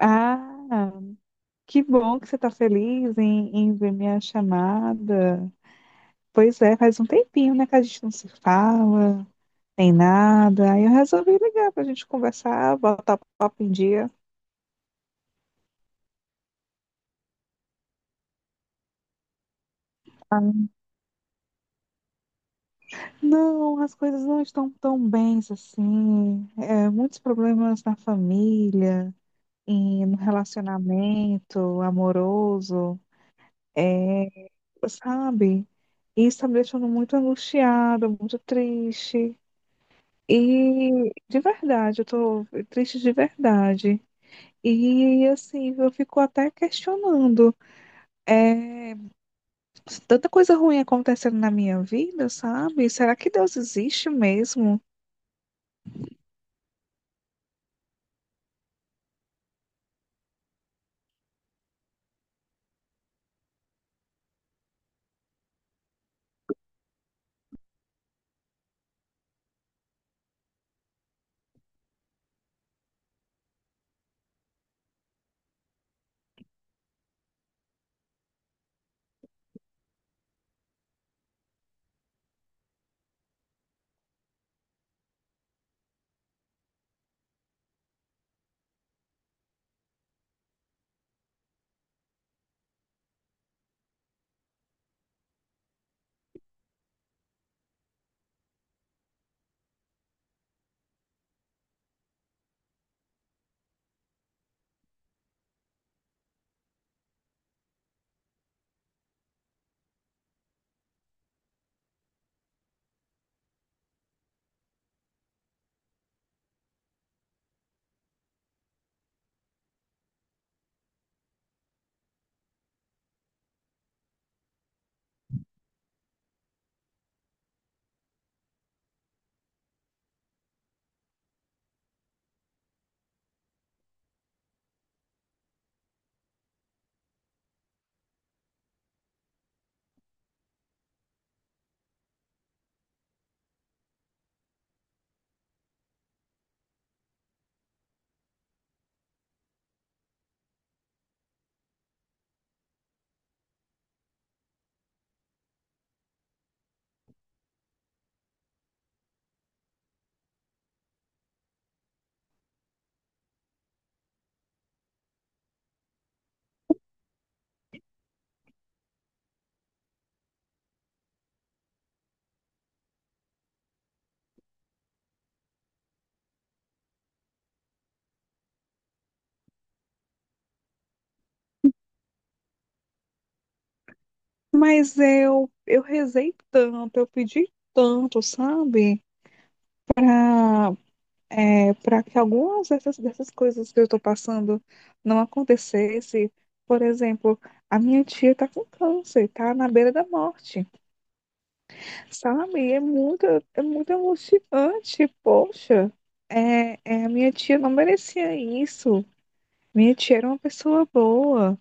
Ah, que bom que você está feliz em ver minha chamada. Pois é, faz um tempinho, né, que a gente não se fala, nem nada. Aí eu resolvi ligar para a gente conversar, botar papo em dia. Não, as coisas não estão tão bens assim. Muitos problemas na família, e no relacionamento amoroso. É, sabe? Isso está me deixando muito angustiada, muito triste. E de verdade, eu tô triste de verdade. E assim, eu fico até questionando. É, Tanta coisa ruim acontecendo na minha vida, sabe? Será que Deus existe mesmo? Mas eu rezei tanto, eu pedi tanto, sabe? Para para que algumas dessas coisas que eu estou passando não acontecesse. Por exemplo, a minha tia está com câncer, está na beira da morte. Sabe? É muito emocionante, poxa. A minha tia não merecia isso. Minha tia era uma pessoa boa,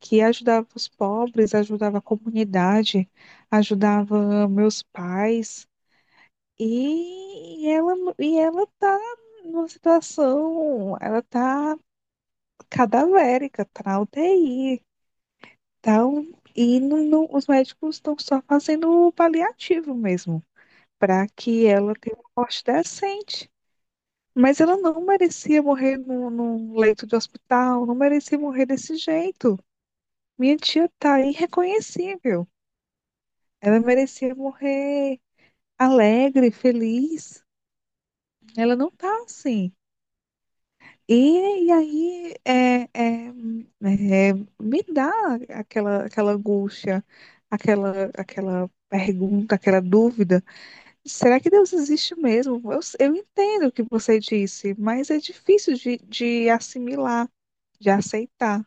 que ajudava os pobres, ajudava a comunidade, ajudava meus pais. E ela tá numa situação, ela tá cadavérica, tá na UTI. Então, os médicos estão só fazendo o paliativo mesmo. Para que ela tenha uma morte decente. Mas ela não merecia morrer num leito de hospital, não merecia morrer desse jeito. Minha tia tá irreconhecível. Ela merecia morrer alegre, feliz. Ela não tá assim. E aí é, é, me dá aquela angústia, aquela pergunta, aquela dúvida. Será que Deus existe mesmo? Eu entendo o que você disse, mas é difícil de assimilar, de aceitar.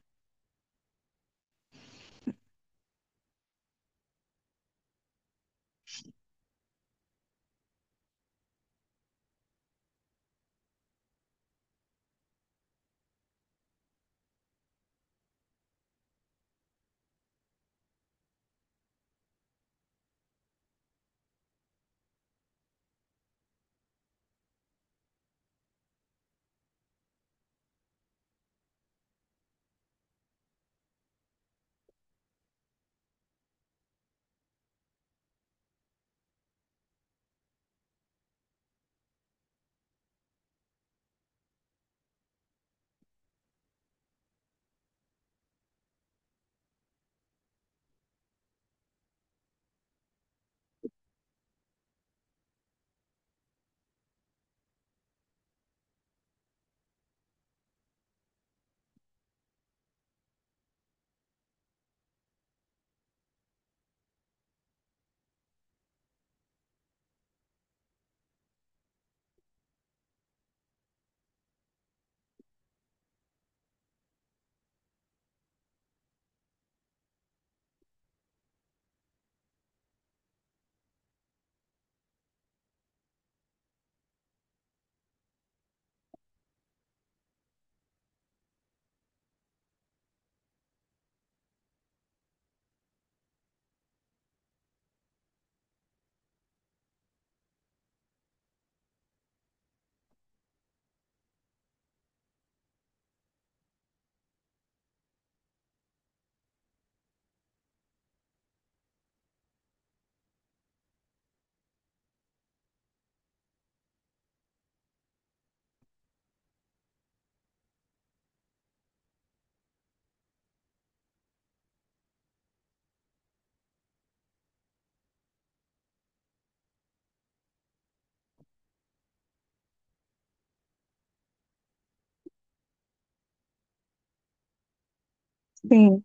Sim,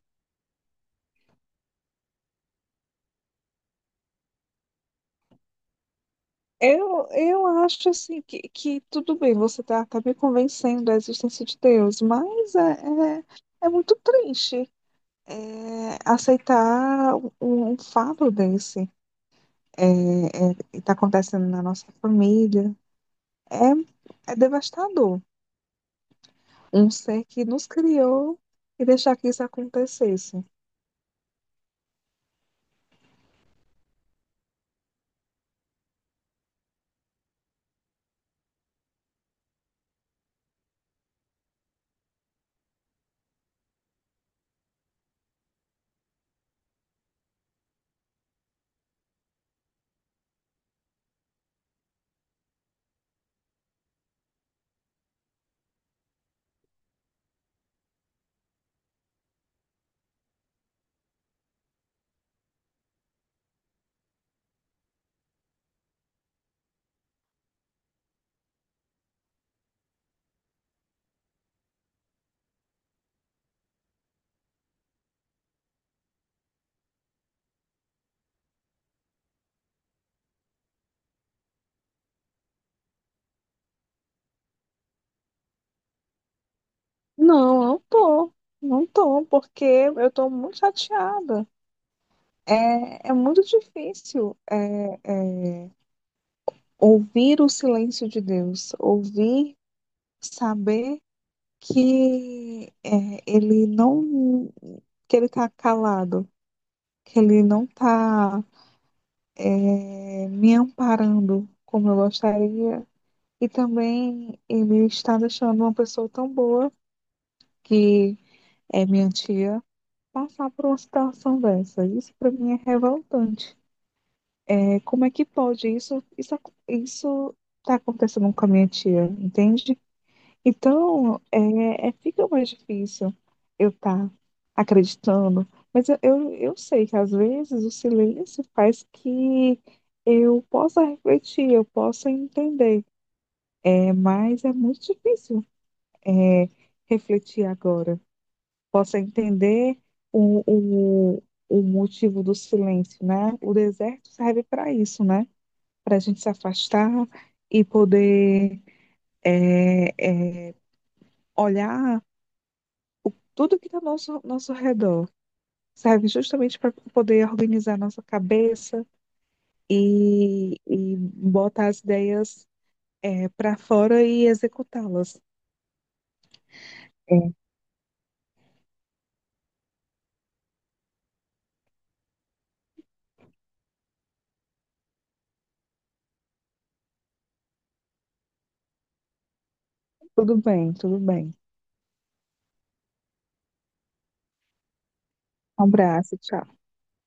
eu acho assim que tudo bem, você está tá tá me convencendo da existência de Deus, mas é muito triste aceitar um fato desse que está acontecendo na nossa família. É devastador. Um ser que nos criou e deixar que isso acontecesse. Não, não tô. Não tô, porque eu tô muito chateada. É muito difícil, ouvir o silêncio de Deus, ouvir, saber que ele não, que ele tá calado, que ele não tá me amparando como eu gostaria. E também ele está deixando uma pessoa tão boa que é minha tia passar por uma situação dessa. Isso para mim é revoltante. Como é que pode isso? Isso tá acontecendo com a minha tia, entende? Então, fica mais difícil eu estar acreditando. Mas eu sei que às vezes o silêncio faz que eu possa refletir, eu possa entender. Mas é muito difícil, é, refletir agora. Possa entender o, o, o motivo do silêncio, né? O deserto serve para isso, né? Para a gente se afastar e poder é, é, olhar tudo que está ao nosso redor. Serve justamente para poder organizar nossa cabeça e botar as ideias para fora e executá-las. Tudo bem, tudo bem. Um abraço, tchau.